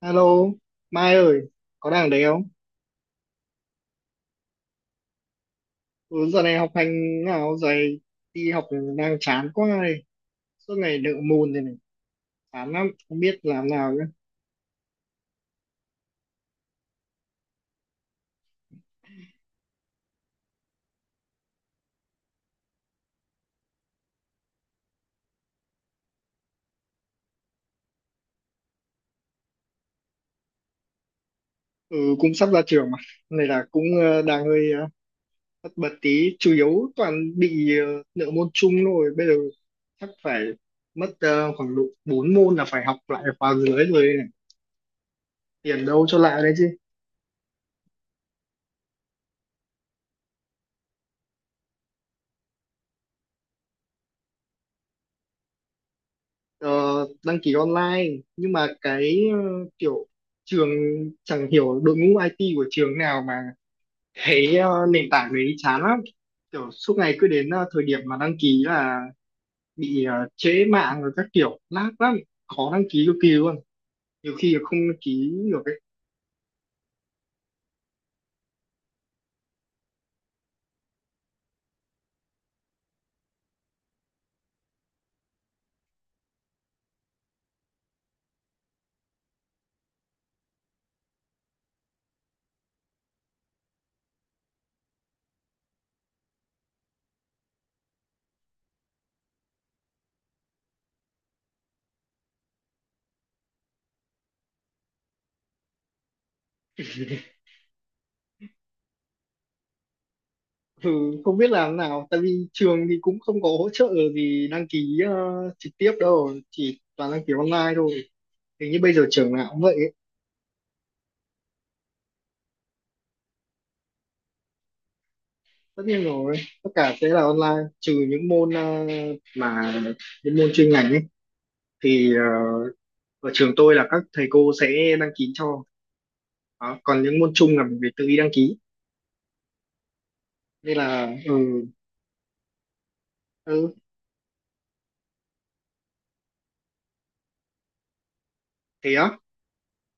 Alo, Mai ơi, có đang ở đấy không? Ừ, giờ này học hành nào dày, đi học đang chán quá này, suốt ngày nợ môn thế này, chán lắm, không biết làm nào nữa. Ừ, cũng sắp ra trường mà, này là cũng đang hơi tất bật tí, chủ yếu toàn bị nợ môn chung thôi, bây giờ chắc phải mất khoảng độ 4 môn là phải học lại khóa dưới rồi đây này, tiền đâu cho lại đấy. ờ, Đăng ký online, nhưng mà cái kiểu trường chẳng hiểu đội ngũ IT của trường nào mà cái nền tảng đấy chán lắm, kiểu suốt ngày cứ đến thời điểm mà đăng ký là bị trễ mạng rồi các kiểu lag lắm, khó đăng ký cực kỳ luôn, nhiều khi là không đăng ký được ấy. Ừ, không biết làm nào, tại vì trường thì cũng không có hỗ trợ gì đăng ký trực tiếp đâu, chỉ toàn đăng ký online thôi, hình như bây giờ trường nào cũng vậy. Tất nhiên rồi, tất cả sẽ là online, trừ những môn mà những môn chuyên ngành ấy thì ở trường tôi là các thầy cô sẽ đăng ký cho đó. Còn những môn chung là mình phải tự đi đăng ký, nên là ừ, ừ. Thế á,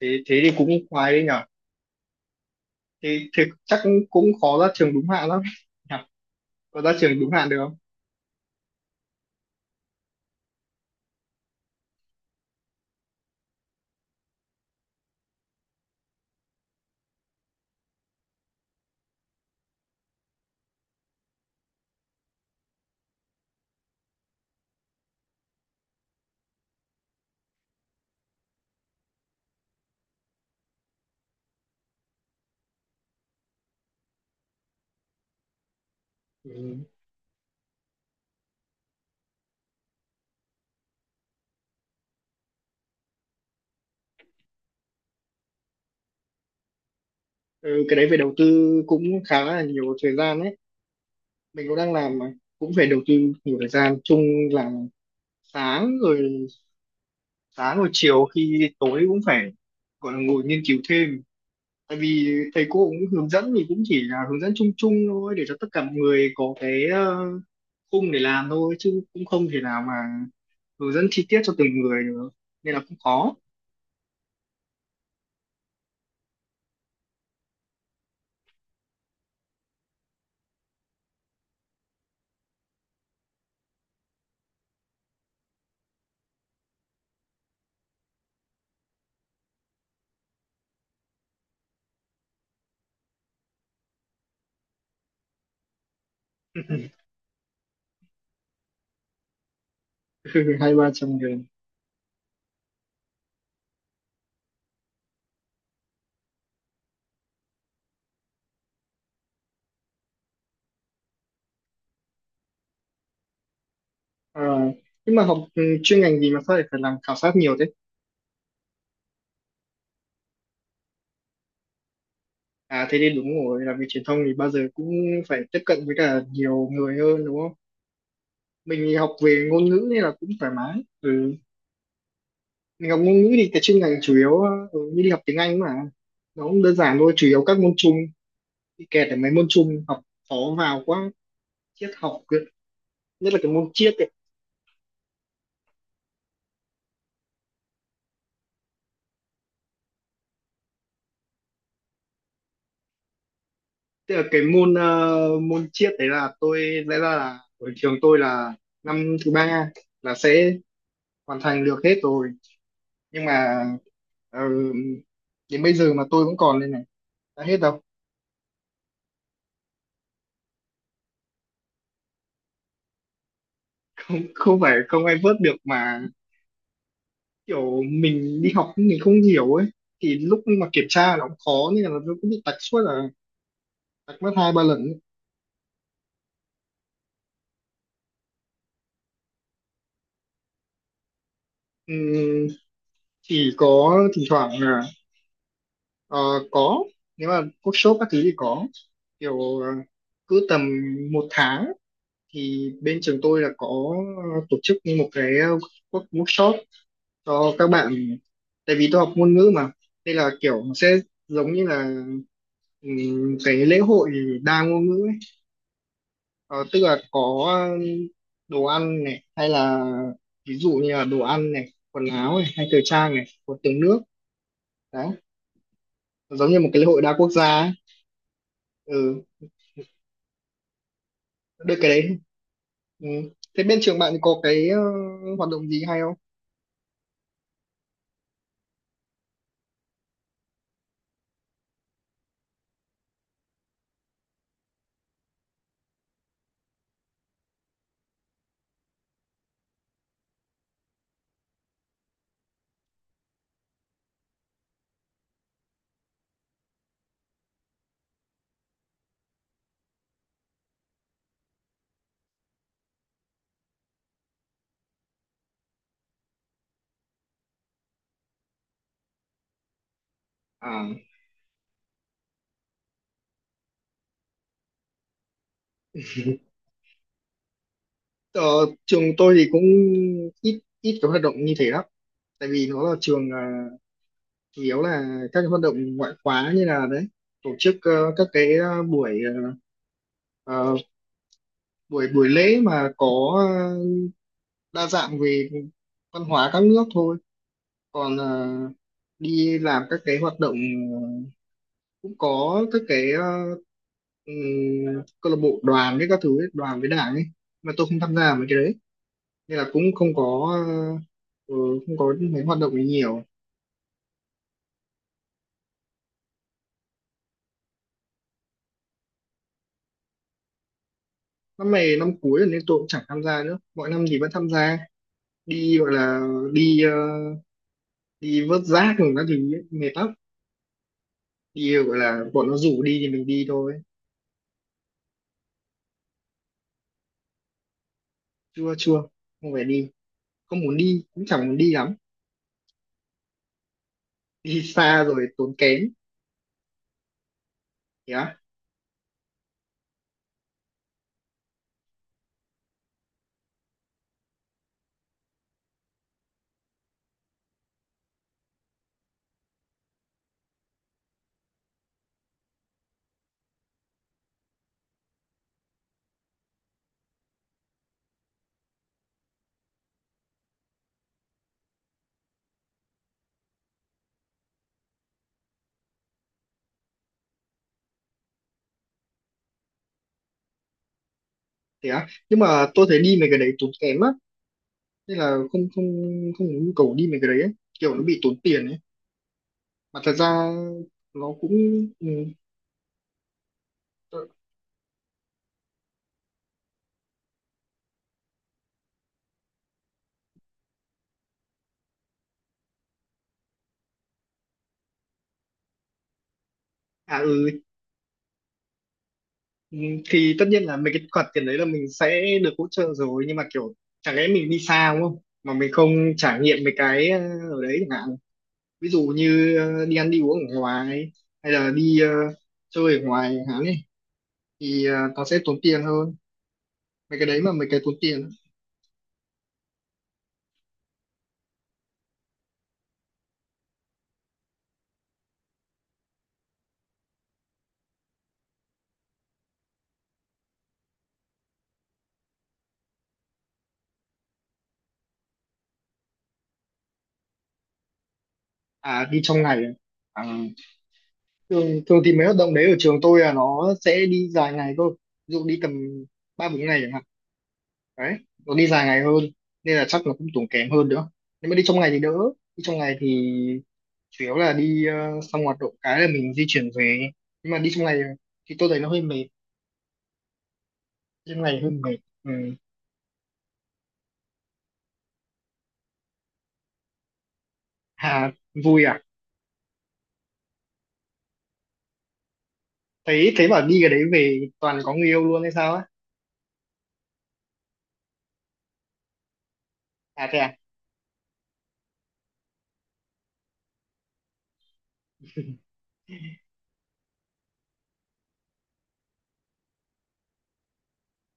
thế thế thì cũng khoái đấy nhở. Thế, thế chắc cũng khó ra trường đúng hạn lắm nhở? Có ra trường đúng hạn được không? Ừ. Ừ, cái đấy phải đầu tư cũng khá là nhiều thời gian đấy, mình cũng đang làm mà, cũng phải đầu tư nhiều thời gian chung, là sáng rồi sáng rồi chiều khi tối cũng phải gọi là ngồi nghiên cứu thêm, tại vì thầy cô cũng hướng dẫn thì cũng chỉ là hướng dẫn chung chung thôi, để cho tất cả mọi người có cái khung để làm thôi, chứ cũng không thể nào mà hướng dẫn chi tiết cho từng người được, nên là cũng khó. Hai ba trăm người. À, nhưng mà học chuyên ngành gì mà sao lại phải làm khảo sát nhiều thế? À thế thì đúng rồi, làm việc truyền thông thì bao giờ cũng phải tiếp cận với cả nhiều người hơn đúng không. Mình thì học về ngôn ngữ nên là cũng thoải mái, ừ, mình học ngôn ngữ thì cái chuyên ngành chủ yếu như đi học tiếng Anh mà, nó cũng đơn giản thôi, chủ yếu các môn chung bị kẹt ở mấy môn chung, học khó vào quá, triết học cơ. Nhất là cái môn triết ấy. Tức là cái môn môn triết đấy là tôi, lẽ ra là ở trường tôi là năm thứ ba là sẽ hoàn thành được hết rồi, nhưng mà ờ, đến bây giờ mà tôi vẫn còn đây này, đã hết đâu. Không, không phải không ai vớt được, mà kiểu mình đi học mình không hiểu ấy, thì lúc mà kiểm tra nó cũng khó nên là nó cũng bị tạch suốt, là tạch mất hai ba lần ấy. Ừm, chỉ có thỉnh thoảng là ờ, có, nếu mà workshop các thứ thì có, kiểu cứ tầm một tháng thì bên trường tôi là có tổ chức như một cái workshop cho các bạn, tại vì tôi học ngôn ngữ mà, nên là kiểu nó sẽ giống như là cái lễ hội đa ngôn ngữ ấy. Ờ, tức là có đồ ăn này hay là ví dụ như là đồ ăn này, quần áo này hay thời trang này, có tiếng nước đấy, giống như một cái lễ hội đa quốc gia ấy. Ừ, được cái đấy. Ừ. Thế bên trường bạn có cái hoạt động gì hay không? À ờ, trường tôi thì cũng ít ít cái hoạt động như thế lắm, tại vì nó là trường chủ yếu là các cái hoạt động ngoại khóa như là đấy, tổ chức các cái buổi ờ, buổi buổi lễ mà có đa dạng về văn hóa các nước thôi. Còn đi làm các cái hoạt động ờ, cũng có các cái ừm, câu lạc bộ đoàn với các thứ ấy, đoàn với đảng ấy, mà tôi không tham gia mấy cái đấy, nên là cũng không có ừ, không có mấy hoạt động ấy nhiều. Năm này năm cuối rồi nên tôi cũng chẳng tham gia nữa, mọi năm thì vẫn tham gia, đi gọi là đi ờ, đi vớt rác rồi các thứ ấy, mệt lắm, đi gọi là bọn nó rủ đi thì mình đi thôi. Chưa chưa, không phải đi, không muốn đi, cũng chẳng muốn đi lắm, đi xa rồi tốn kém. Thế á, thế á, nhưng mà tôi thấy đi mấy cái đấy tốn kém á, nên là không không không muốn nhu cầu đi mấy cái đấy ấy. Kiểu nó bị tốn tiền ấy, mà thật ra nó cũng ừ, tôi- à ừ, ừ, thì tất nhiên là mấy cái khoản tiền đấy là mình sẽ được hỗ trợ rồi, nhưng mà kiểu chẳng lẽ mình đi xa đúng không mà mình không trải nghiệm mấy cái ở đấy chẳng hạn, ví dụ như đi ăn đi uống ở ngoài, hay là đi chơi ở ngoài chẳng hạn ấy, thì nó sẽ tốn tiền hơn, mấy cái đấy mà mấy cái tốn tiền. À đi trong ngày à. À, thường thường thì mấy hoạt động đấy ở trường tôi là nó sẽ đi dài ngày thôi, ví dụ đi tầm ba bốn ngày chẳng hạn, đấy, nó đi dài ngày hơn, nên là chắc nó cũng tốn kém hơn nữa. Nếu mà đi trong ngày thì đỡ, đi trong ngày thì chủ yếu là đi xong hoạt động cái là mình di chuyển về, nhưng mà đi trong ngày thì tôi thấy nó hơi mệt, đi trong ngày hơi mệt. Ừ. Hà, vui à? Thấy thế, bảo đi cái đấy về toàn có người yêu luôn hay sao á. À thế à.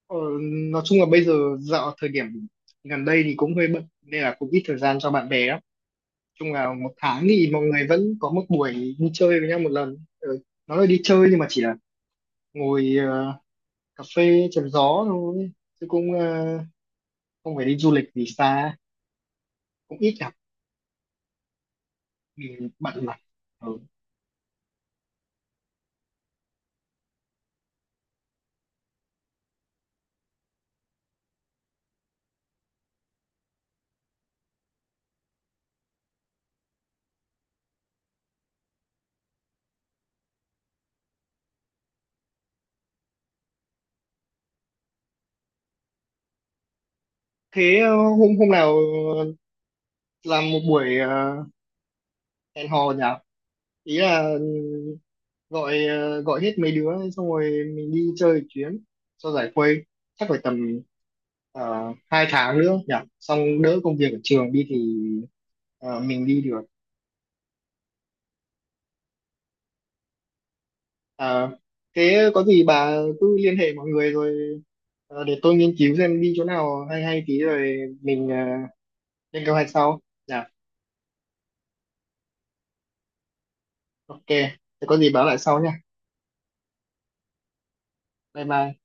Ờ, nói chung là bây giờ dạo thời điểm gần đây thì cũng hơi bận nên là cũng ít thời gian cho bạn bè lắm. Nói chung là một tháng thì mọi người vẫn có một buổi đi chơi với nhau một lần. Ừ, nó là đi chơi nhưng mà chỉ là ngồi cà phê chém gió thôi, chứ cũng không phải đi du lịch gì xa, cũng ít gặp vì bận mà. Ừ. Thế hôm hôm nào làm một buổi hẹn hò nhỉ? Ý là ừ, gọi hết mấy đứa xong rồi mình đi chơi một chuyến cho giải khuây, chắc phải tầm hai tháng nữa nhỉ, xong đỡ công việc ở trường đi thì mình đi được. À, thế có gì bà cứ liên hệ mọi người rồi để tôi nghiên cứu xem đi chỗ nào hay hay tí rồi mình lên kế hoạch sau nhỉ. Ok, thế có gì báo lại sau nha. Bye bye.